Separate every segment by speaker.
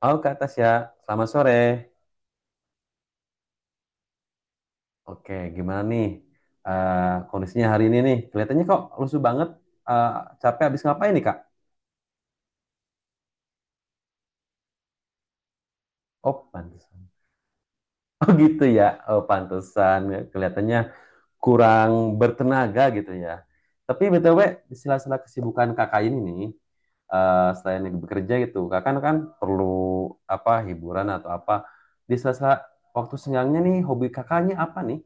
Speaker 1: Halo Kak Tasya, selamat sore. Oke, gimana nih, kondisinya hari ini nih? Kelihatannya kok lusuh banget. Eh, capek habis ngapain nih Kak? Oh, pantesan. Oh gitu ya. Oh, pantesan. Kelihatannya kurang bertenaga gitu ya. Tapi BTW, di sela-sela kesibukan Kakak ini nih, selain bekerja gitu, Kakak kan perlu apa hiburan atau apa. Di sela-sela waktu senggangnya nih, hobi Kakaknya apa nih?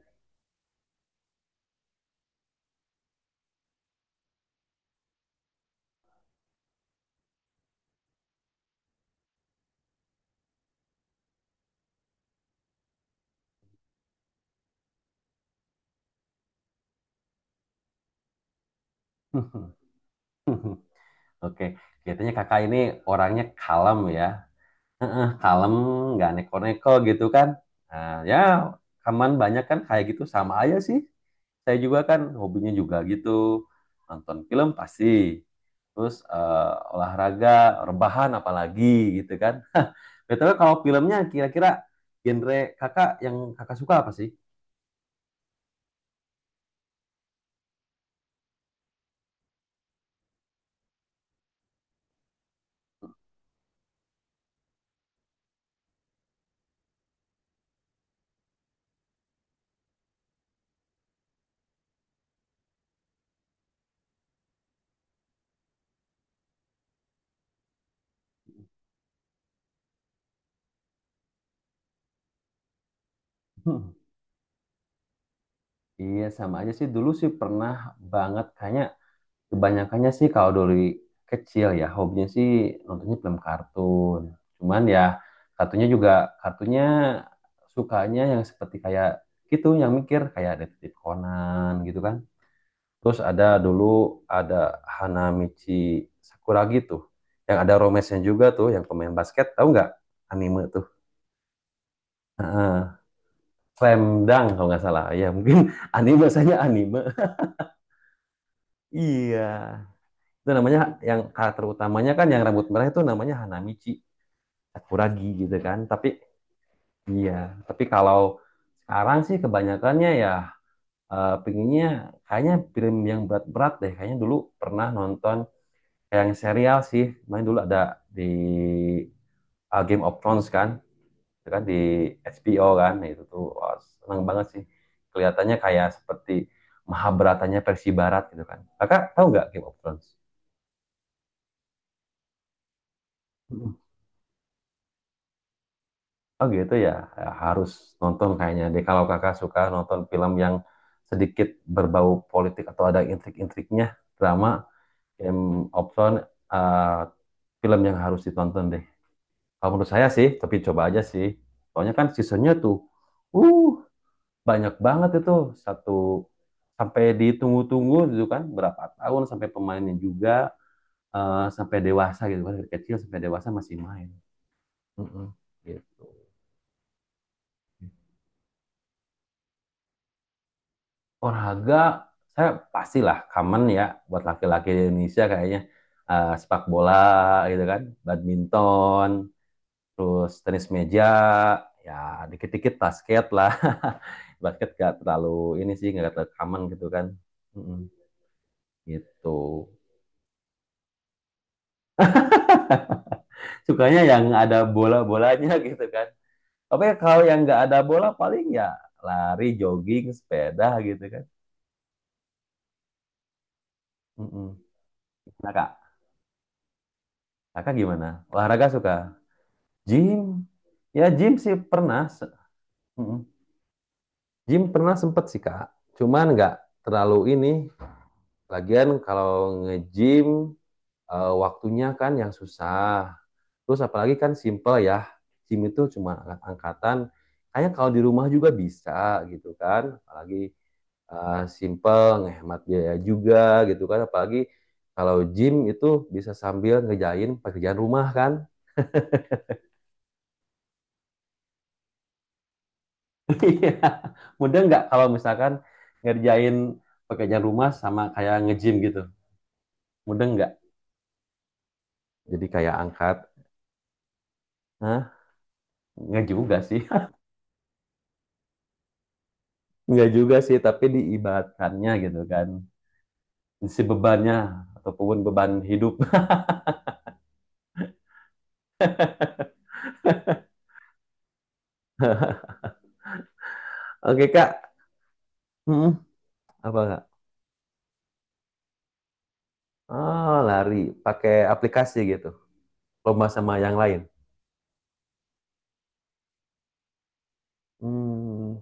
Speaker 1: Oke, kelihatannya kakak ini orangnya kalem ya. Heeh, kalem, nggak neko-neko gitu kan. Nah, ya, kaman banyak kan kayak gitu sama aja sih. Saya juga kan hobinya juga gitu. Nonton film pasti. Terus olahraga, rebahan apalagi gitu kan. Betul, kalau filmnya kira-kira genre kakak yang kakak suka apa sih? Hmm, Iya sama aja sih, dulu sih pernah banget kayaknya. Kebanyakannya sih kalau dari kecil ya hobinya sih nontonnya film kartun. Cuman ya kartunya juga, kartunya sukanya yang seperti kayak gitu, yang mikir kayak Detektif Conan gitu kan. Terus ada dulu ada Hanamichi Sakuragi tuh, yang ada romesnya juga tuh, yang pemain basket, tahu nggak anime tuh. Heeh. Slam Dunk kalau nggak salah. Ya mungkin anime, biasanya anime. Iya. Itu namanya, yang karakter utamanya kan yang rambut merah itu namanya Hanamichi Sakuragi gitu kan. Tapi iya, tapi kalau sekarang sih kebanyakannya ya, pinginnya kayaknya film yang berat-berat deh. Kayaknya dulu pernah nonton kayak yang serial sih. Main dulu ada di Game of Thrones kan, itu kan di HBO kan. Nah, itu tuh wah, seneng banget sih. Kelihatannya kayak seperti Mahabharatanya versi barat gitu kan. Kakak tahu nggak Game of Thrones? Oh gitu ya. Ya, harus nonton kayaknya deh, kalau kakak suka nonton film yang sedikit berbau politik atau ada intrik-intriknya, drama, Game of Thrones, eh, film yang harus ditonton deh. Kalau menurut saya sih, tapi coba aja sih. Soalnya kan seasonnya tuh, uh, banyak banget itu, satu sampai ditunggu-tunggu gitu kan, berapa tahun sampai pemainnya juga, sampai dewasa gitu kan, dari kecil sampai dewasa masih main. Mm-mm, gitu. Olahraga, saya pastilah common ya buat laki-laki di Indonesia kayaknya. Sepak bola gitu kan, badminton, terus tenis meja, ya dikit-dikit basket lah. Basket gak terlalu ini sih, gak terlalu common gitu kan. Mm-mm, gitu. Sukanya yang ada bola-bolanya gitu kan. Tapi kalau yang nggak ada bola paling ya lari, jogging, sepeda gitu kan. Mm-mm. Nah kak, kakak gimana? Olahraga suka? Gym, ya gym sih pernah. Mm. Gym pernah sempet sih Kak. Cuman nggak terlalu ini. Lagian kalau nge-gym, waktunya kan yang susah. Terus apalagi kan simple ya. Gym itu cuma angkatan. Kayaknya kalau di rumah juga bisa gitu kan. Apalagi simple, ngehemat biaya juga gitu kan. Apalagi kalau gym itu bisa sambil ngejain pekerjaan rumah kan. Iya. Mudah nggak kalau misalkan ngerjain pekerjaan rumah sama kayak nge-gym gitu? Mudah nggak? Jadi kayak angkat, hah? Nggak juga sih. Nggak juga sih, tapi diibaratkannya gitu kan. Si bebannya, ataupun beban hidup. Oke, Kak. Hmm, apa nggak? Oh, lari. Pakai aplikasi gitu. Lomba sama yang lain. Hmm,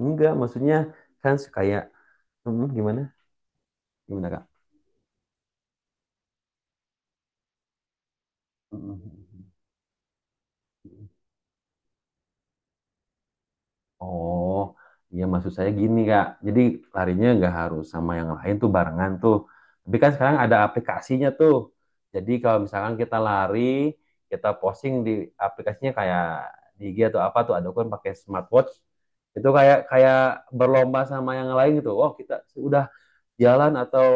Speaker 1: enggak, maksudnya kan kayak, hmm, gimana? Gimana, Kak? Hmm. Hmm, hmm. Oh, iya maksud saya gini Kak. Jadi larinya nggak harus sama yang lain tuh, barengan tuh. Tapi kan sekarang ada aplikasinya tuh. Jadi kalau misalkan kita lari, kita posting di aplikasinya kayak di IG atau apa tuh, ada kan pakai smartwatch. Itu kayak kayak berlomba sama yang lain gitu. Oh, kita udah jalan atau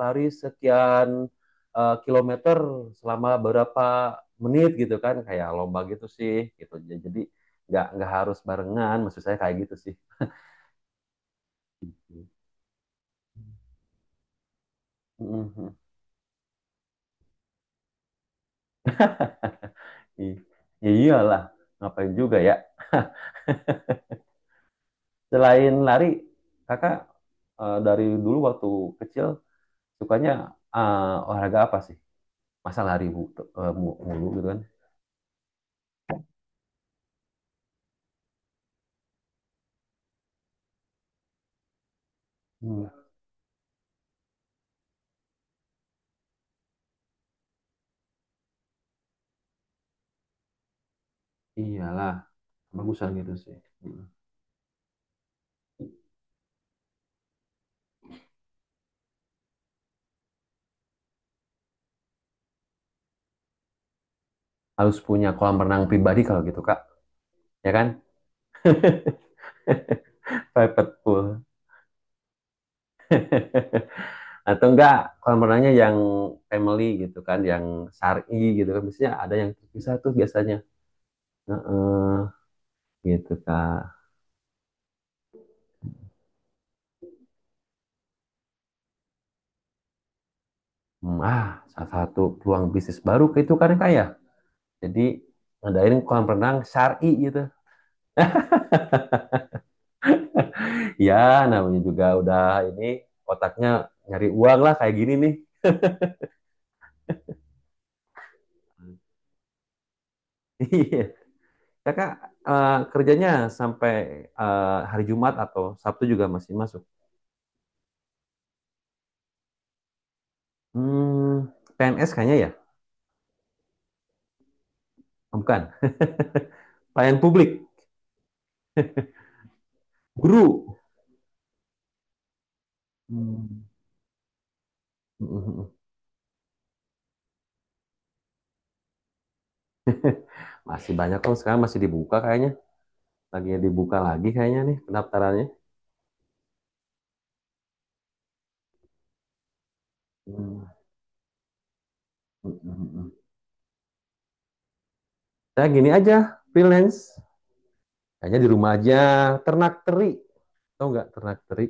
Speaker 1: lari sekian, kilometer selama berapa menit gitu kan, kayak lomba gitu sih gitu, jadi nggak harus barengan, maksud saya kayak gitu sih. Mhm. I- ya iyalah, ngapain juga ya. Selain lari kakak, dari dulu waktu kecil sukanya olahraga apa sih, masa lari bu, eh, mulu gitu kan. Hmm, iyalah, bagusan gitu sih. Hmm. Harus punya kolam renang pribadi kalau gitu kak, ya kan? Private pool. Atau enggak kolam renangnya yang family gitu kan, yang syari gitu kan. Biasanya ada yang terpisah tuh biasanya. Heeh, gitu kak. Hmm, ah, salah satu peluang bisnis baru ke itu kan kak ya. Jadi ngadain kolam renang syari gitu. Ya namanya juga udah ini, otaknya nyari uang lah kayak gini nih. Iya. Kakak, kerjanya sampai, hari Jumat atau Sabtu juga masih masuk? Hmm, PNS kayaknya ya? Oh, bukan. Pelayan publik, guru. Hmm. Masih banyak kok sekarang, masih dibuka kayaknya. Lagi dibuka lagi kayaknya nih pendaftarannya. Hmm. Saya gini aja, freelance. Kayaknya di rumah aja, ternak teri. Tahu nggak ternak teri?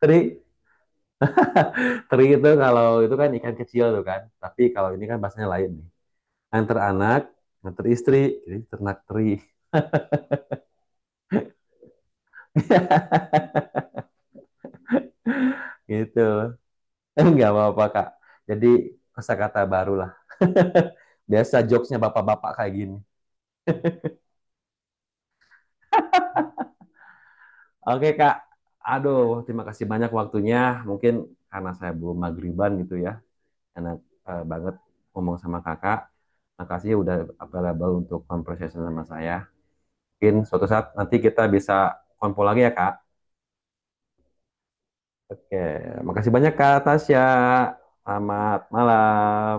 Speaker 1: Teri, teri itu kalau itu kan ikan kecil tuh kan. Tapi kalau ini kan bahasanya lain nih. Antar anak, antar istri, jadi ternak teri gitu. Nggak apa-apa kak. Jadi kosakata baru lah. Biasa jokesnya bapak-bapak kayak gini. Oke kak, aduh terima kasih banyak waktunya. Mungkin karena saya belum magriban gitu ya, enak banget ngomong sama kakak. Makasih udah available untuk conversation sama saya. Mungkin suatu saat nanti kita bisa konvo lagi ya kak. Oke, makasih banyak kak Tasya. Selamat malam.